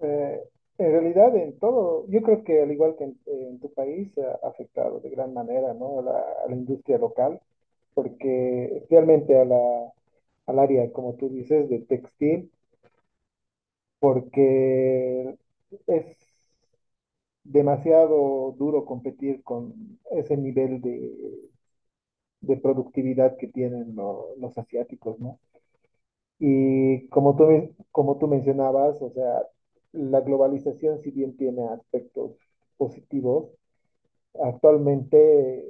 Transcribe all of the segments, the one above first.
Eh, en realidad, en todo, yo creo que al igual que en tu país, ha afectado de gran manera, ¿no? A la industria local, porque especialmente a al área, como tú dices, de textil, porque es demasiado duro competir con ese nivel de productividad que tienen los asiáticos, ¿no? Y como como tú mencionabas, o sea, la globalización, si bien tiene aspectos positivos, actualmente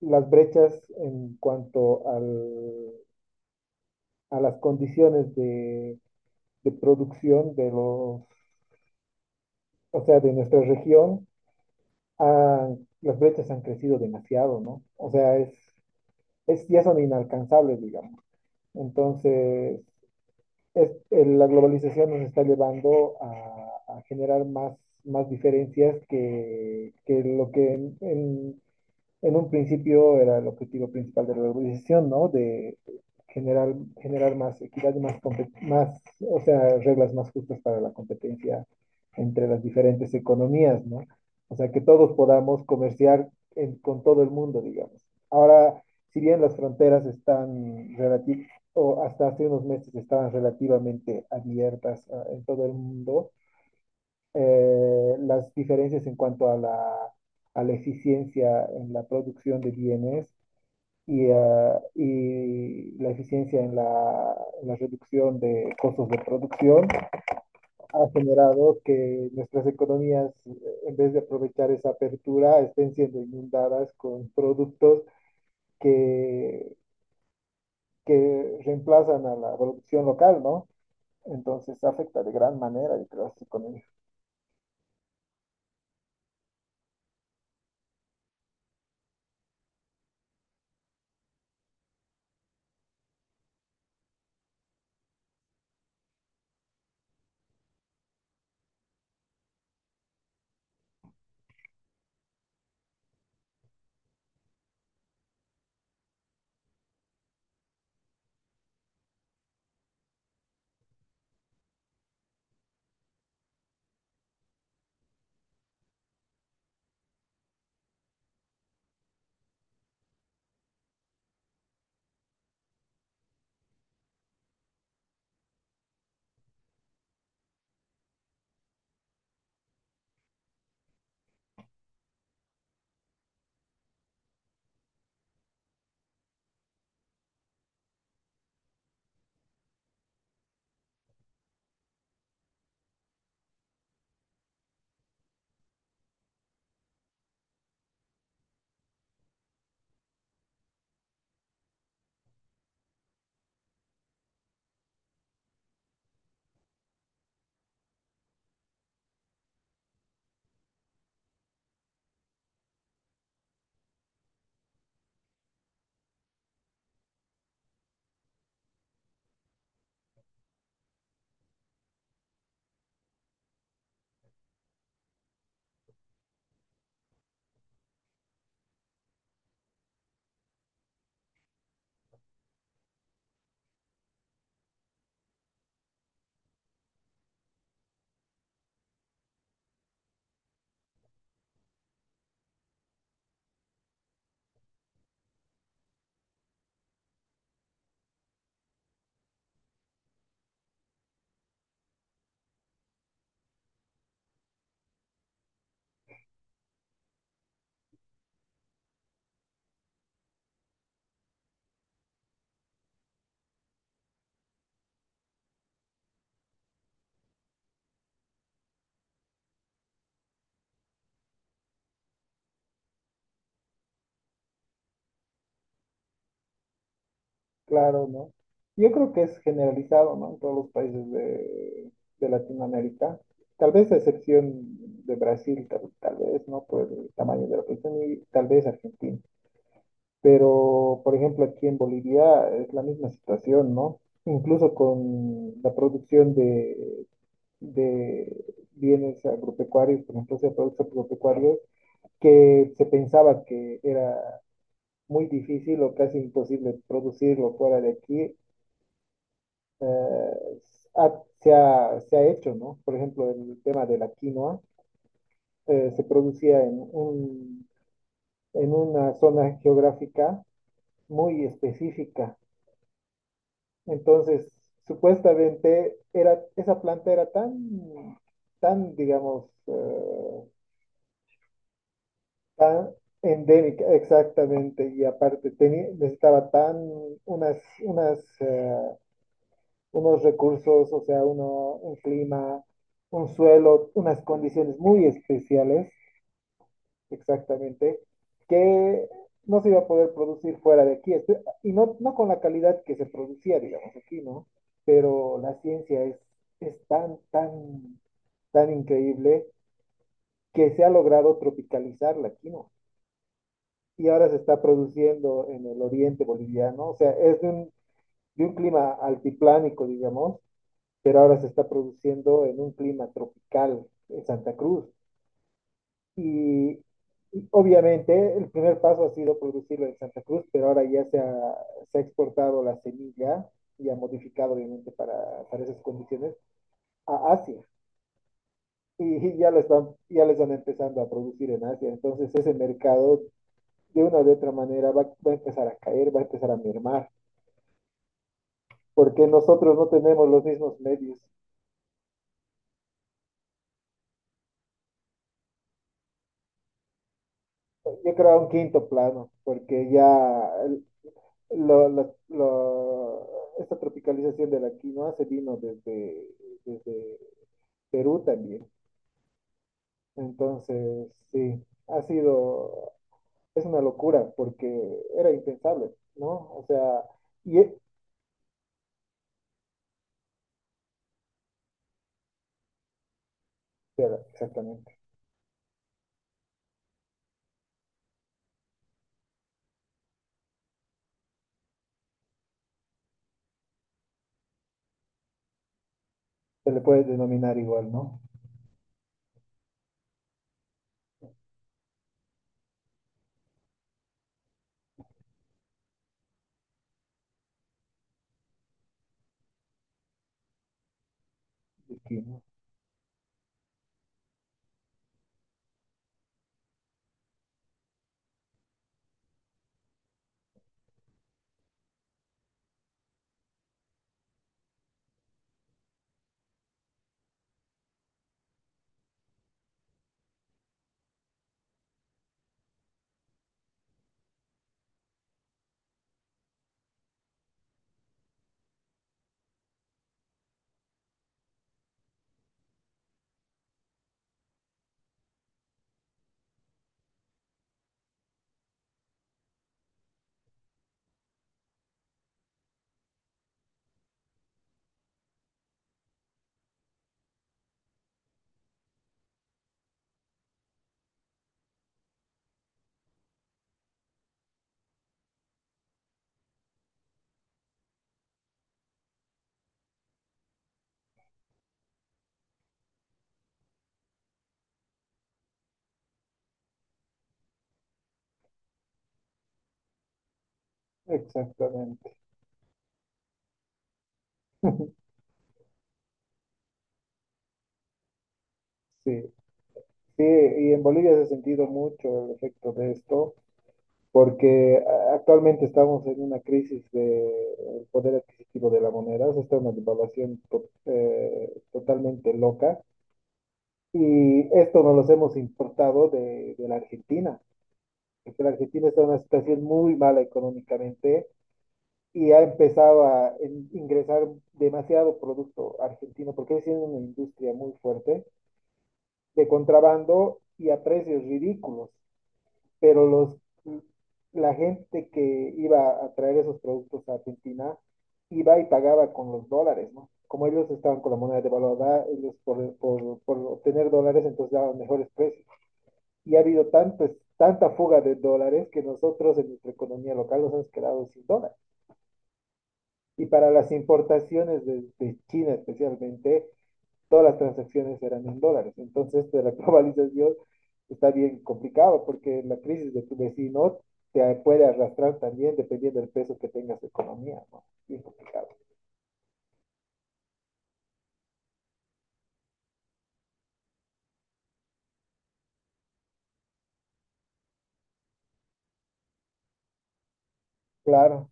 las brechas en cuanto a las condiciones de producción de o sea, de nuestra región, las brechas han crecido demasiado, ¿no? O sea, ya son inalcanzables, digamos. Entonces, es- la globalización nos está llevando a generar más, más diferencias que lo que en un principio era el objetivo principal de la organización, ¿no? De generar, generar más equidad, más, más, o sea, reglas más justas para la competencia entre las diferentes economías, ¿no? O sea, que todos podamos comerciar con todo el mundo, digamos. Ahora, si bien las fronteras están relativamente, o hasta hace unos meses estaban relativamente abiertas, ah, en todo el mundo, las diferencias en cuanto a la eficiencia en la producción de bienes y, ah, y la eficiencia en en la reducción de costos de producción ha generado que nuestras economías, en vez de aprovechar esa apertura, estén siendo inundadas con productos que, que reemplazan a la producción local, ¿no? Entonces afecta de gran manera, yo creo, a las economías. Claro, ¿no? Yo creo que es generalizado, ¿no? En todos los países de Latinoamérica. Tal vez a excepción de Brasil, tal vez, ¿no? Por el tamaño de la población y tal vez Argentina. Pero, por ejemplo, aquí en Bolivia es la misma situación, ¿no? Incluso con la producción de bienes agropecuarios, por ejemplo, de productos agropecuarios, que se pensaba que era muy difícil o casi imposible producirlo fuera de aquí, eh, se ha hecho, ¿no? Por ejemplo, el tema de la quinoa se producía en en una zona geográfica muy específica. Entonces, supuestamente era, esa planta era digamos, tan endémica, exactamente, y aparte tenía, necesitaba tan unas, unas, eh, unos recursos, o sea, un clima, un suelo, unas condiciones muy especiales, exactamente, que no se iba a poder producir fuera de aquí. Y no, no con la calidad que se producía, digamos, aquí, ¿no? Pero la ciencia es tan increíble que se ha logrado tropicalizarla aquí, ¿no? Y ahora se está produciendo en el oriente boliviano, o sea, es de de un clima altiplánico, digamos, pero ahora se está produciendo en un clima tropical en Santa Cruz. Y, y obviamente el primer paso ha sido producirlo en Santa Cruz, pero ahora ya se ha exportado la semilla y ha modificado obviamente para esas condiciones a Asia. Y ya lo están empezando a producir en Asia. Entonces ese mercado de una u otra manera va a empezar a caer, va a empezar a mermar porque nosotros no tenemos los mismos medios. Yo creo a un quinto plano, porque ya lo- la- la- esta tropicalización de la quinoa se vino desde Perú también. Entonces, sí, ha sido, es una locura porque era impensable, ¿no? O sea, y e- era, exactamente, se le puede denominar igual, ¿no? De quinoa. Exactamente. Sí, sí, y en Bolivia se ha sentido mucho el efecto de esto, porque actualmente estamos en una crisis del poder adquisitivo de la moneda, o sea, está una devaluación totalmente loca y esto nos los hemos importado de la Argentina, porque la Argentina está en una situación muy mala económicamente y ha empezado ingresar demasiado producto argentino, porque es una industria muy fuerte de contrabando y a precios ridículos. Pero los, la gente que iba a traer esos productos a Argentina iba y pagaba con los dólares, ¿no? Como ellos estaban con la moneda devaluada, ellos por obtener dólares entonces daban mejores precios. Y ha habido tanto, tanta fuga de dólares que nosotros en nuestra economía local nos hemos quedado sin dólares. Y para las importaciones de China especialmente, todas las transacciones eran en dólares. Entonces, de la globalización está bien complicado porque la crisis de tu vecino te puede arrastrar también dependiendo del peso que tengas de economía, ¿no? Bien complicado. Claro,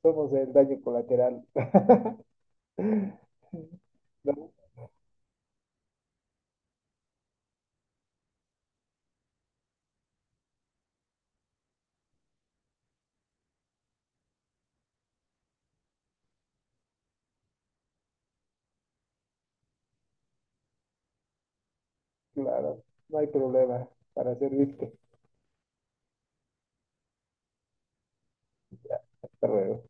somos el daño colateral. No, claro, no hay problema para servirte. Hasta luego.